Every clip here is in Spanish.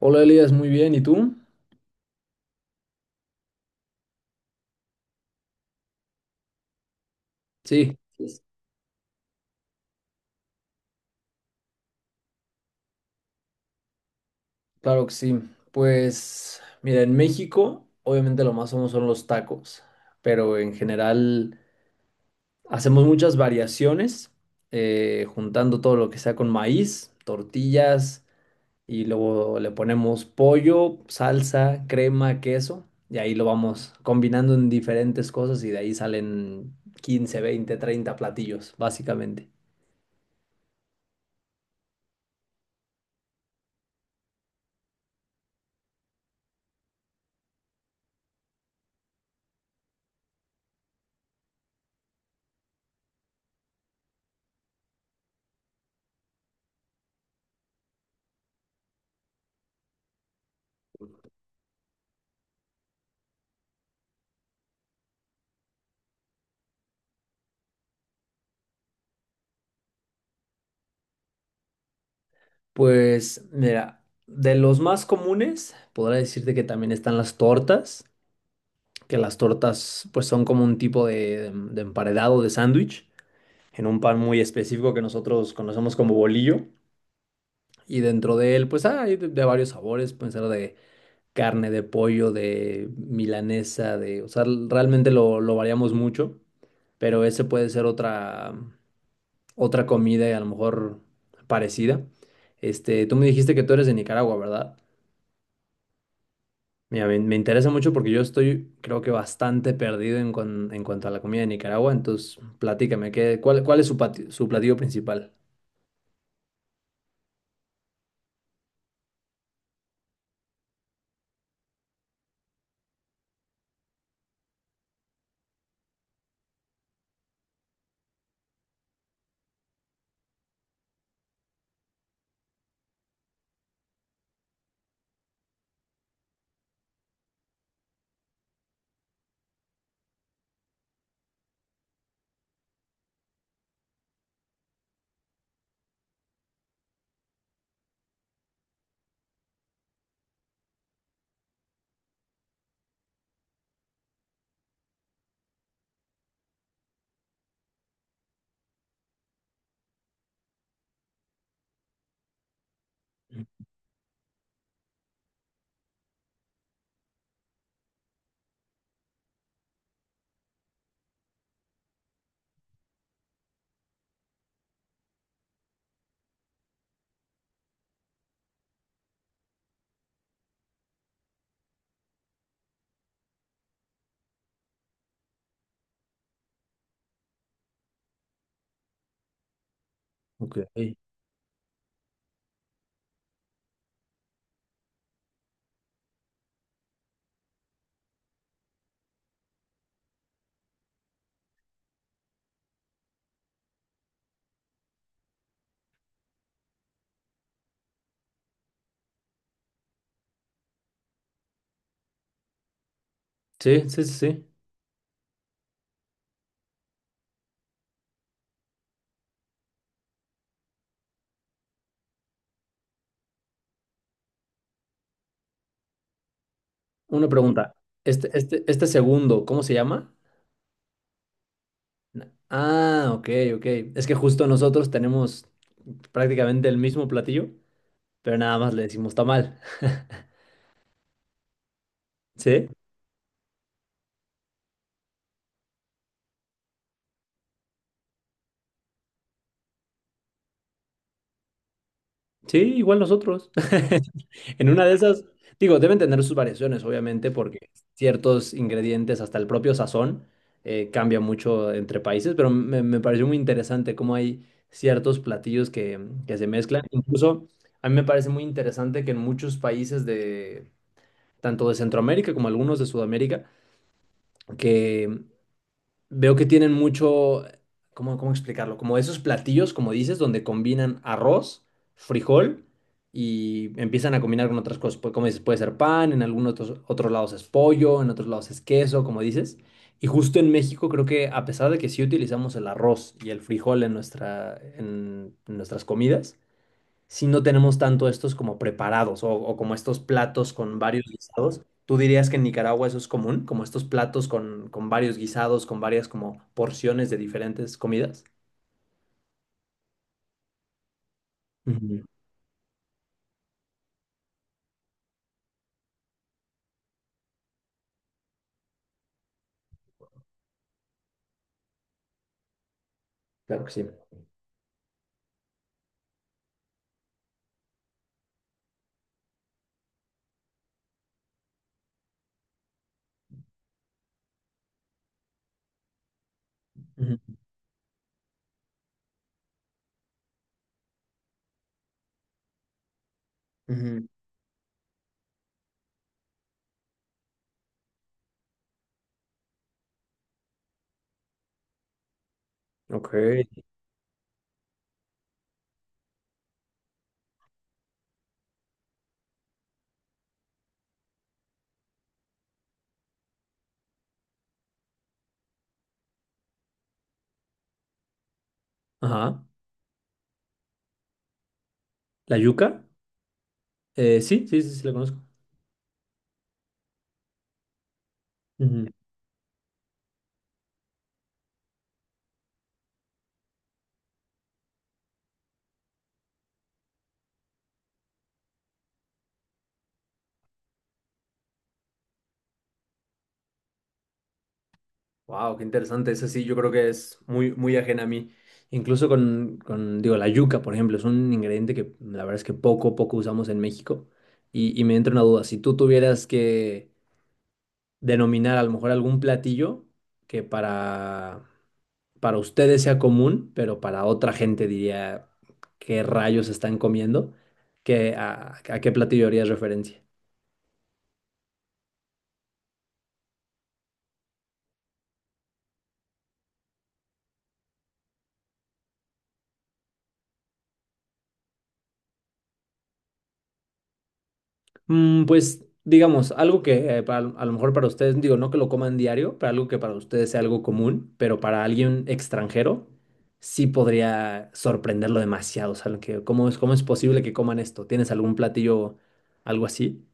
Hola Elías, muy bien. ¿Y tú? Sí, pues, claro que sí. Pues mira, en México obviamente lo más famoso son los tacos, pero en general hacemos muchas variaciones, juntando todo lo que sea con maíz, tortillas y luego le ponemos pollo, salsa, crema, queso y ahí lo vamos combinando en diferentes cosas y de ahí salen 15, 20, 30 platillos, básicamente. Pues mira, de los más comunes, podría decirte que también están las tortas, que las tortas pues son como un tipo de emparedado de sándwich en un pan muy específico que nosotros conocemos como bolillo y dentro de él pues hay de varios sabores, pueden ser de carne, de pollo, de milanesa, de, o sea, realmente lo variamos mucho, pero ese puede ser otra comida y a lo mejor parecida. Este, tú me dijiste que tú eres de Nicaragua, ¿verdad? Mira, me interesa mucho porque yo estoy, creo que bastante perdido en, en cuanto a la comida de Nicaragua, entonces platícame, ¿ cuál es su, su platillo principal? Ok. Sí, sí, sí, sí. Una pregunta. Este segundo, ¿cómo se llama? Ah, ok, ok. Es que justo nosotros tenemos prácticamente el mismo platillo, pero nada más le decimos tamal. ¿Sí? Sí, igual nosotros. En una de esas, digo, deben tener sus variaciones, obviamente, porque ciertos ingredientes, hasta el propio sazón, cambia mucho entre países, pero me pareció muy interesante cómo hay ciertos platillos que se mezclan. Incluso a mí me parece muy interesante que en muchos países de, tanto de Centroamérica como algunos de Sudamérica, que veo que tienen mucho, ¿cómo explicarlo? Como esos platillos, como dices, donde combinan arroz, frijol y empiezan a combinar con otras cosas. Como dices, puede ser pan, en algunos otros, otros lados es pollo, en otros lados es queso, como dices. Y justo en México creo que a pesar de que sí utilizamos el arroz y el frijol en nuestra, en nuestras comidas, si no tenemos tanto estos como preparados o como estos platos con varios guisados. ¿Tú dirías que en Nicaragua eso es común, como estos platos con varios guisados, con varias como porciones de diferentes comidas? Ujú. Claro que sí. Ujú, ujú. Ok. Ajá. ¿La yuca? Sí, sí, sí, sí, la conozco. Ujú. Wow, qué interesante. Eso sí, yo creo que es muy, muy ajena a mí. Incluso con, digo, la yuca, por ejemplo, es un ingrediente que la verdad es que poco, poco usamos en México. Y me entra una duda. Si tú tuvieras que denominar a lo mejor algún platillo que para ustedes sea común, pero para otra gente diría qué rayos están comiendo, ¿ a qué platillo harías referencia? Mm, pues digamos, algo que a lo mejor para ustedes, digo, no que lo coman diario, pero algo que para ustedes sea algo común, pero para alguien extranjero sí podría sorprenderlo demasiado. O sea, lo que, ¿cómo es posible que coman esto? ¿Tienes algún platillo, algo así?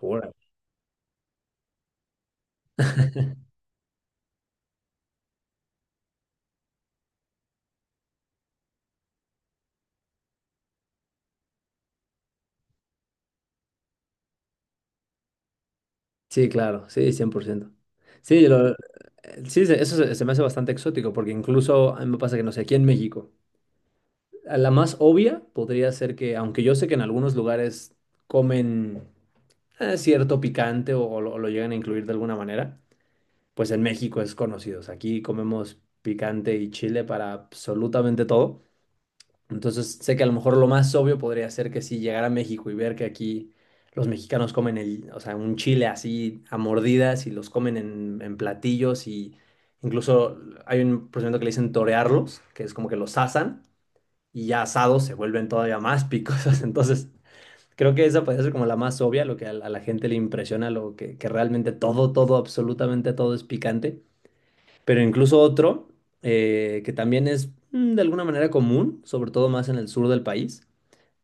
Órale. Sí, claro, sí, 100%. Sí, eso se me hace bastante exótico, porque incluso a mí me pasa que, no sé, aquí en México. La más obvia podría ser que, aunque yo sé que en algunos lugares comen cierto picante o lo llegan a incluir de alguna manera, pues en México es conocido. O sea, aquí comemos picante y chile para absolutamente todo. Entonces sé que a lo mejor lo más obvio podría ser que si llegara a México y ver que aquí los mexicanos comen el, o sea, un chile así a mordidas y los comen en platillos y incluso hay un procedimiento que le dicen torearlos, que es como que los asan y ya asados se vuelven todavía más picosas. Entonces, creo que esa puede ser como la más obvia, lo que a, la gente le impresiona, lo que realmente todo, todo, absolutamente todo es picante. Pero incluso otro, que también es mm, de alguna manera común, sobre todo más en el sur del país,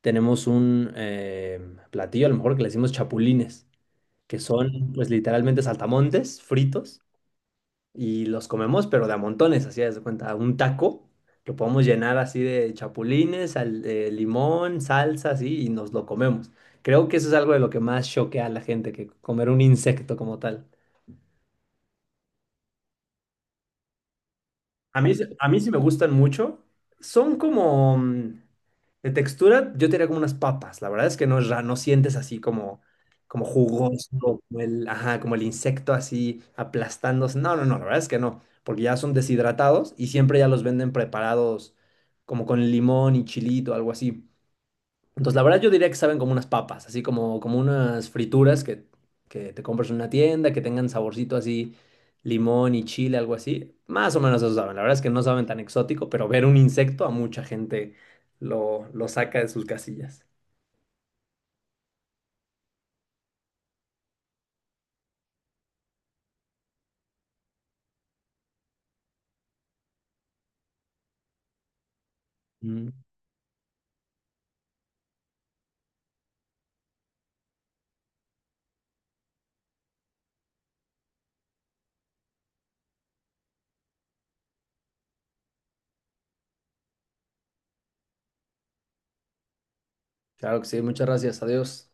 tenemos un platillo, a lo mejor que le decimos chapulines, que son pues literalmente saltamontes fritos y los comemos, pero de a montones, así haz de cuenta, un taco que podemos llenar así de chapulines, de limón, salsa, así, y nos lo comemos. Creo que eso es algo de lo que más choquea a la gente, que comer un insecto como tal. A mí, a mí sí me gustan mucho. Son como mm, de textura, yo te diría como unas papas. La verdad es que no, no sientes así como, como jugoso, como el, ajá, como el insecto así aplastándose. No, no, no, la verdad es que no, porque ya son deshidratados y siempre ya los venden preparados como con limón y chilito, algo así. Entonces, la verdad yo diría que saben como unas papas, así como, como unas frituras que te compras en una tienda, que tengan saborcito así, limón y chile, algo así. Más o menos eso saben. La verdad es que no saben tan exótico, pero ver un insecto a mucha gente lo saca de sus casillas. Mm. Claro que sí, muchas gracias. Adiós.